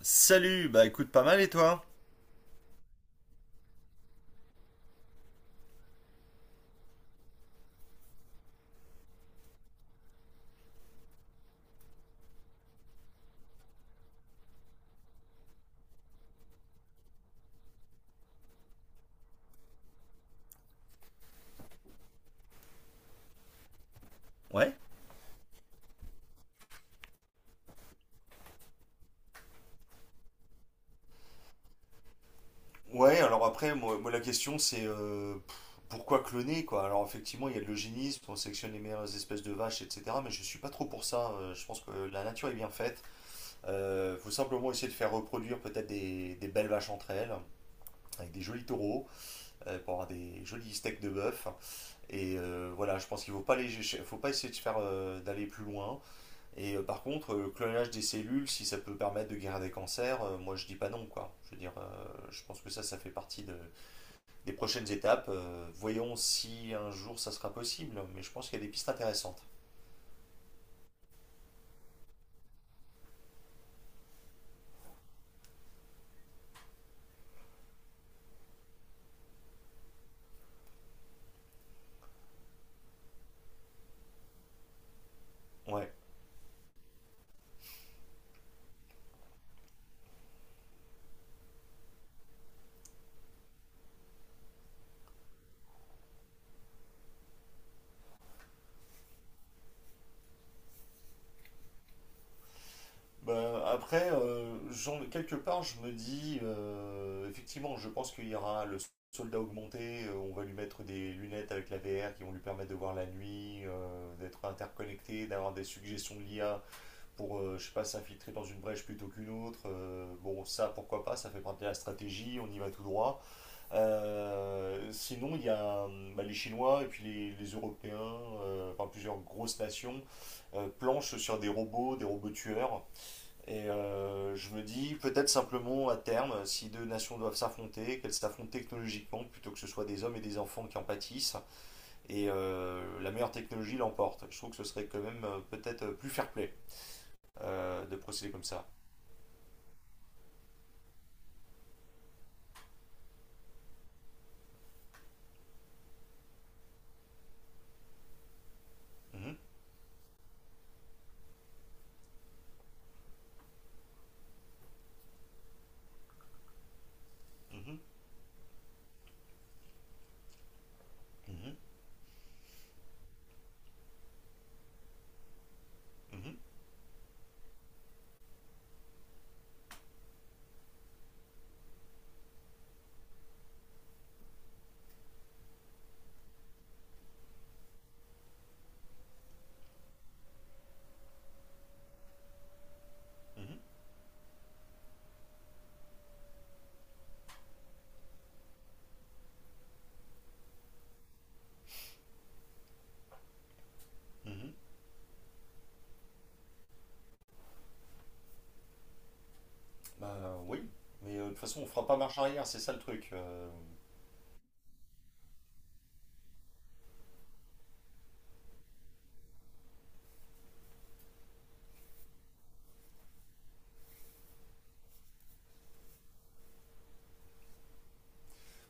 Salut, bah écoute pas mal et toi? Ouais? Ouais, alors après, moi, la question c'est pourquoi cloner quoi? Alors effectivement, il y a de l'eugénisme, on sélectionne les meilleures espèces de vaches, etc. Mais je suis pas trop pour ça. Je pense que la nature est bien faite. Faut simplement essayer de faire reproduire peut-être des belles vaches entre elles, avec des jolis taureaux, pour avoir des jolis steaks de bœuf. Voilà, je pense qu'il faut pas faut pas essayer de faire d'aller plus loin. Et par contre, le clonage des cellules, si ça peut permettre de guérir des cancers, moi je dis pas non quoi. Je veux dire, je pense que ça fait partie des prochaines étapes. Voyons si un jour ça sera possible, mais je pense qu'il y a des pistes intéressantes. Ouais. Ben, après, quelque part, je me dis, effectivement, je pense qu'il y aura le soldat augmenté, on va lui mettre des lunettes avec la VR qui vont lui permettre de voir la nuit, d'être interconnecté, d'avoir des suggestions de l'IA pour, je sais pas, s'infiltrer dans une brèche plutôt qu'une autre. Bon, ça, pourquoi pas, ça fait partie de la stratégie, on y va tout droit. Sinon, il y a bah, les Chinois et puis les Européens, enfin plusieurs grosses nations, planchent sur des robots tueurs. Et je me dis, peut-être simplement à terme, si deux nations doivent s'affronter, qu'elles s'affrontent technologiquement plutôt que ce soit des hommes et des enfants qui en pâtissent, et la meilleure technologie l'emporte. Je trouve que ce serait quand même peut-être plus fair-play de procéder comme ça. Mhm, mhm, mhm, mhm, mhm, mhm. Bah oui, mais de toute façon on fera pas marche arrière, c'est ça le truc.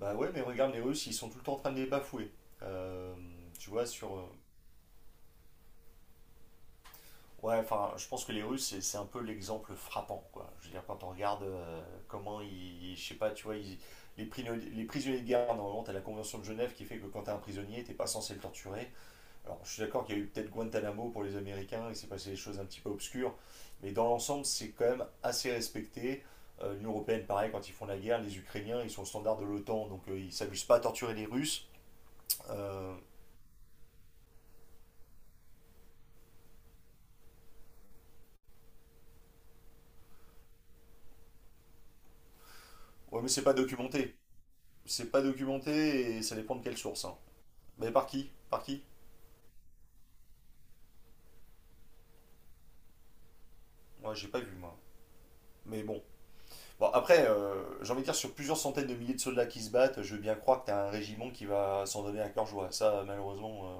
Bah ouais, mais regarde les Russes, ils sont tout le temps en train de les bafouer. Euh, tu vois, sur... euh, Ouais, enfin, je pense que les Russes, c'est un peu l'exemple frappant, quoi. Je veux dire, quand on regarde comment ils... Je sais pas, tu vois, les prisonniers de guerre, normalement, t'as la Convention de Genève qui fait que quand t'es un prisonnier, t'es pas censé le torturer. Alors, je suis d'accord qu'il y a eu peut-être Guantanamo pour les Américains, il s'est passé des choses un petit peu obscures, mais dans l'ensemble, c'est quand même assez respecté. L'Union européenne, pareil, quand ils font la guerre, les Ukrainiens, ils sont au standard de l'OTAN, donc ils ne s'amusent pas à torturer les Russes. Euh, ouais, mais c'est pas documenté. C'est pas documenté et ça dépend de quelle source, hein. Mais par qui? Par qui? Moi, j'ai pas vu, moi. Mais bon. Bon, après, j'ai envie de dire, sur plusieurs centaines de milliers de soldats qui se battent, je veux bien croire que t'as un régiment qui va s'en donner à cœur joie. Ça, malheureusement, euh...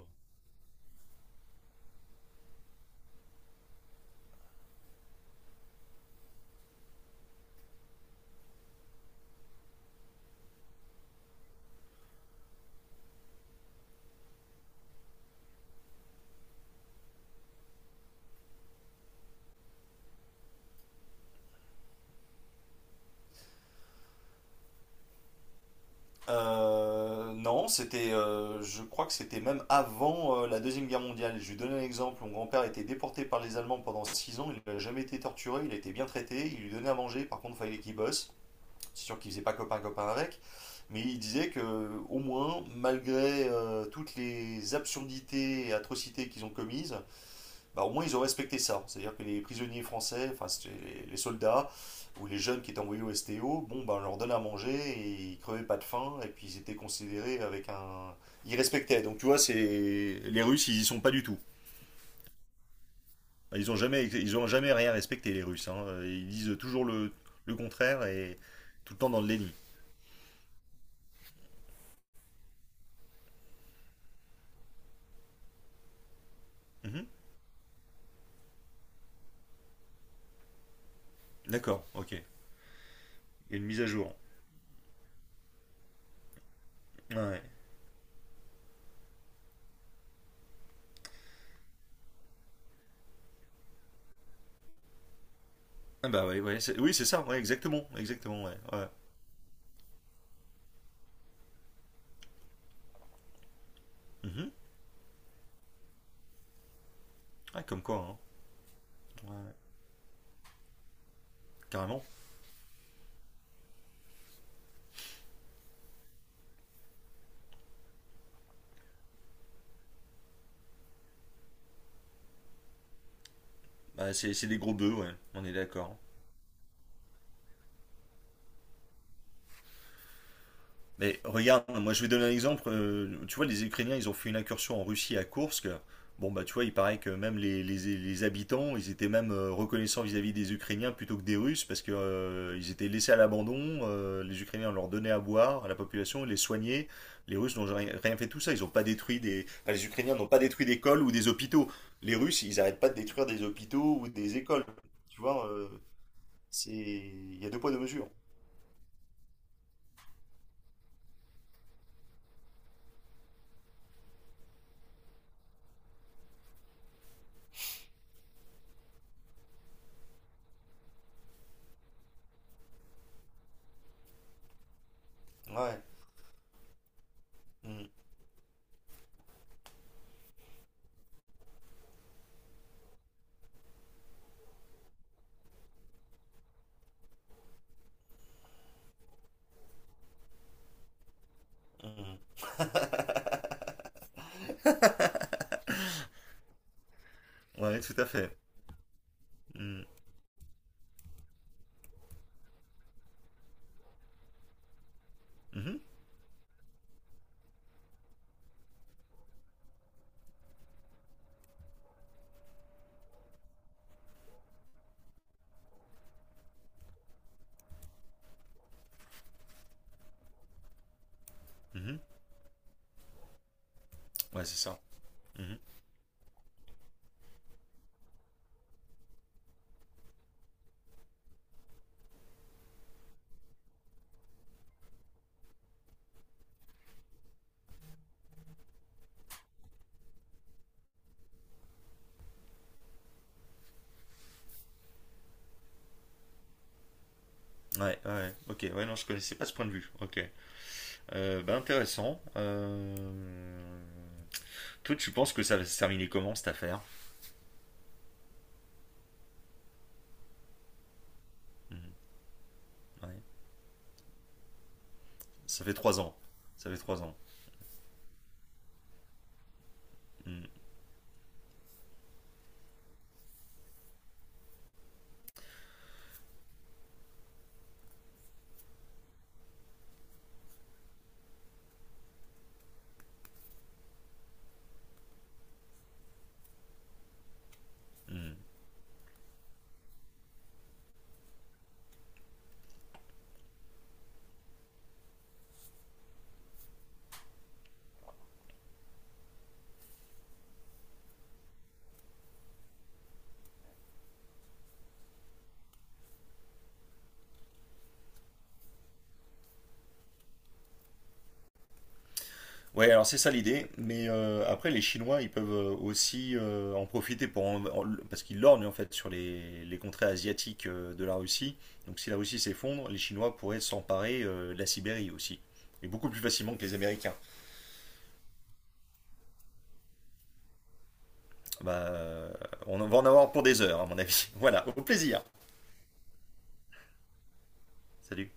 Non, c'était, je crois que c'était même avant la Deuxième Guerre mondiale. Je lui donne un exemple. Mon grand-père a été déporté par les Allemands pendant 6 ans. Il n'a jamais été torturé, il a été bien traité. Il lui donnait à manger, par contre, il fallait qu'il bosse. C'est sûr qu'il faisait pas copain-copain avec. Mais il disait que, au moins, malgré toutes les absurdités et atrocités qu'ils ont commises, bah, au moins ils ont respecté ça. C'est-à-dire que les prisonniers français, enfin c'était les soldats ou les jeunes qui étaient envoyés au STO, bon, bah, on leur donnait à manger et ils crevaient pas de faim et puis ils étaient considérés avec un. Ils respectaient. Donc tu vois, c'est les Russes, ils y sont pas du tout. Enfin, ils ont jamais rien respecté les Russes, hein. Ils disent toujours le contraire et tout le temps dans le déni. Mhm. D'accord, ok. Il y a une mise à jour. Ouais. Ah bah ouais, ouais, oui, c'est ça, ouais, exactement, exactement, ouais, ouais. Mhm. Ah, comme quoi, hein. Ouais, carrément. Bah, c'est des gros bœufs, ouais, on est d'accord. Mais regarde, moi je vais donner un exemple. Tu vois, les Ukrainiens, ils ont fait une incursion en Russie à Koursk. Bon, bah tu vois, il paraît que même les habitants, ils étaient même reconnaissants vis-à-vis des Ukrainiens plutôt que des Russes parce que ils étaient laissés à l'abandon. Les Ukrainiens leur donnaient à boire à la population, ils les soignaient. Les Russes n'ont rien fait de tout ça. Ils n'ont pas détruit des... enfin, les Ukrainiens n'ont pas détruit d'écoles ou des hôpitaux. Les Russes, ils n'arrêtent pas de détruire des hôpitaux ou des écoles. Tu vois, c'est... Il y a deux poids, deux mesures. Ouais. Mm, mm. Ouais, tout à fait. Mm, mhm, mhm. Ouais, c'est ça. Mhm. Ouais, ouais, ok, ouais, non, je connaissais pas ce point de vue. Ok, bah, intéressant. Toi, tu penses que ça va se terminer comment cette affaire? Mhm, ouais. Ça fait 3 ans. Ça fait trois ans. Mhm, mhm. Ouais, alors c'est ça l'idée, mais après les Chinois, ils peuvent aussi en profiter pour parce qu'ils lorgnent en fait sur les contrées asiatiques de la Russie. Donc si la Russie s'effondre, les Chinois pourraient s'emparer de la Sibérie aussi, et beaucoup plus facilement que les Américains. Bah, on en va en avoir pour des heures à mon avis. Voilà, au plaisir. Salut.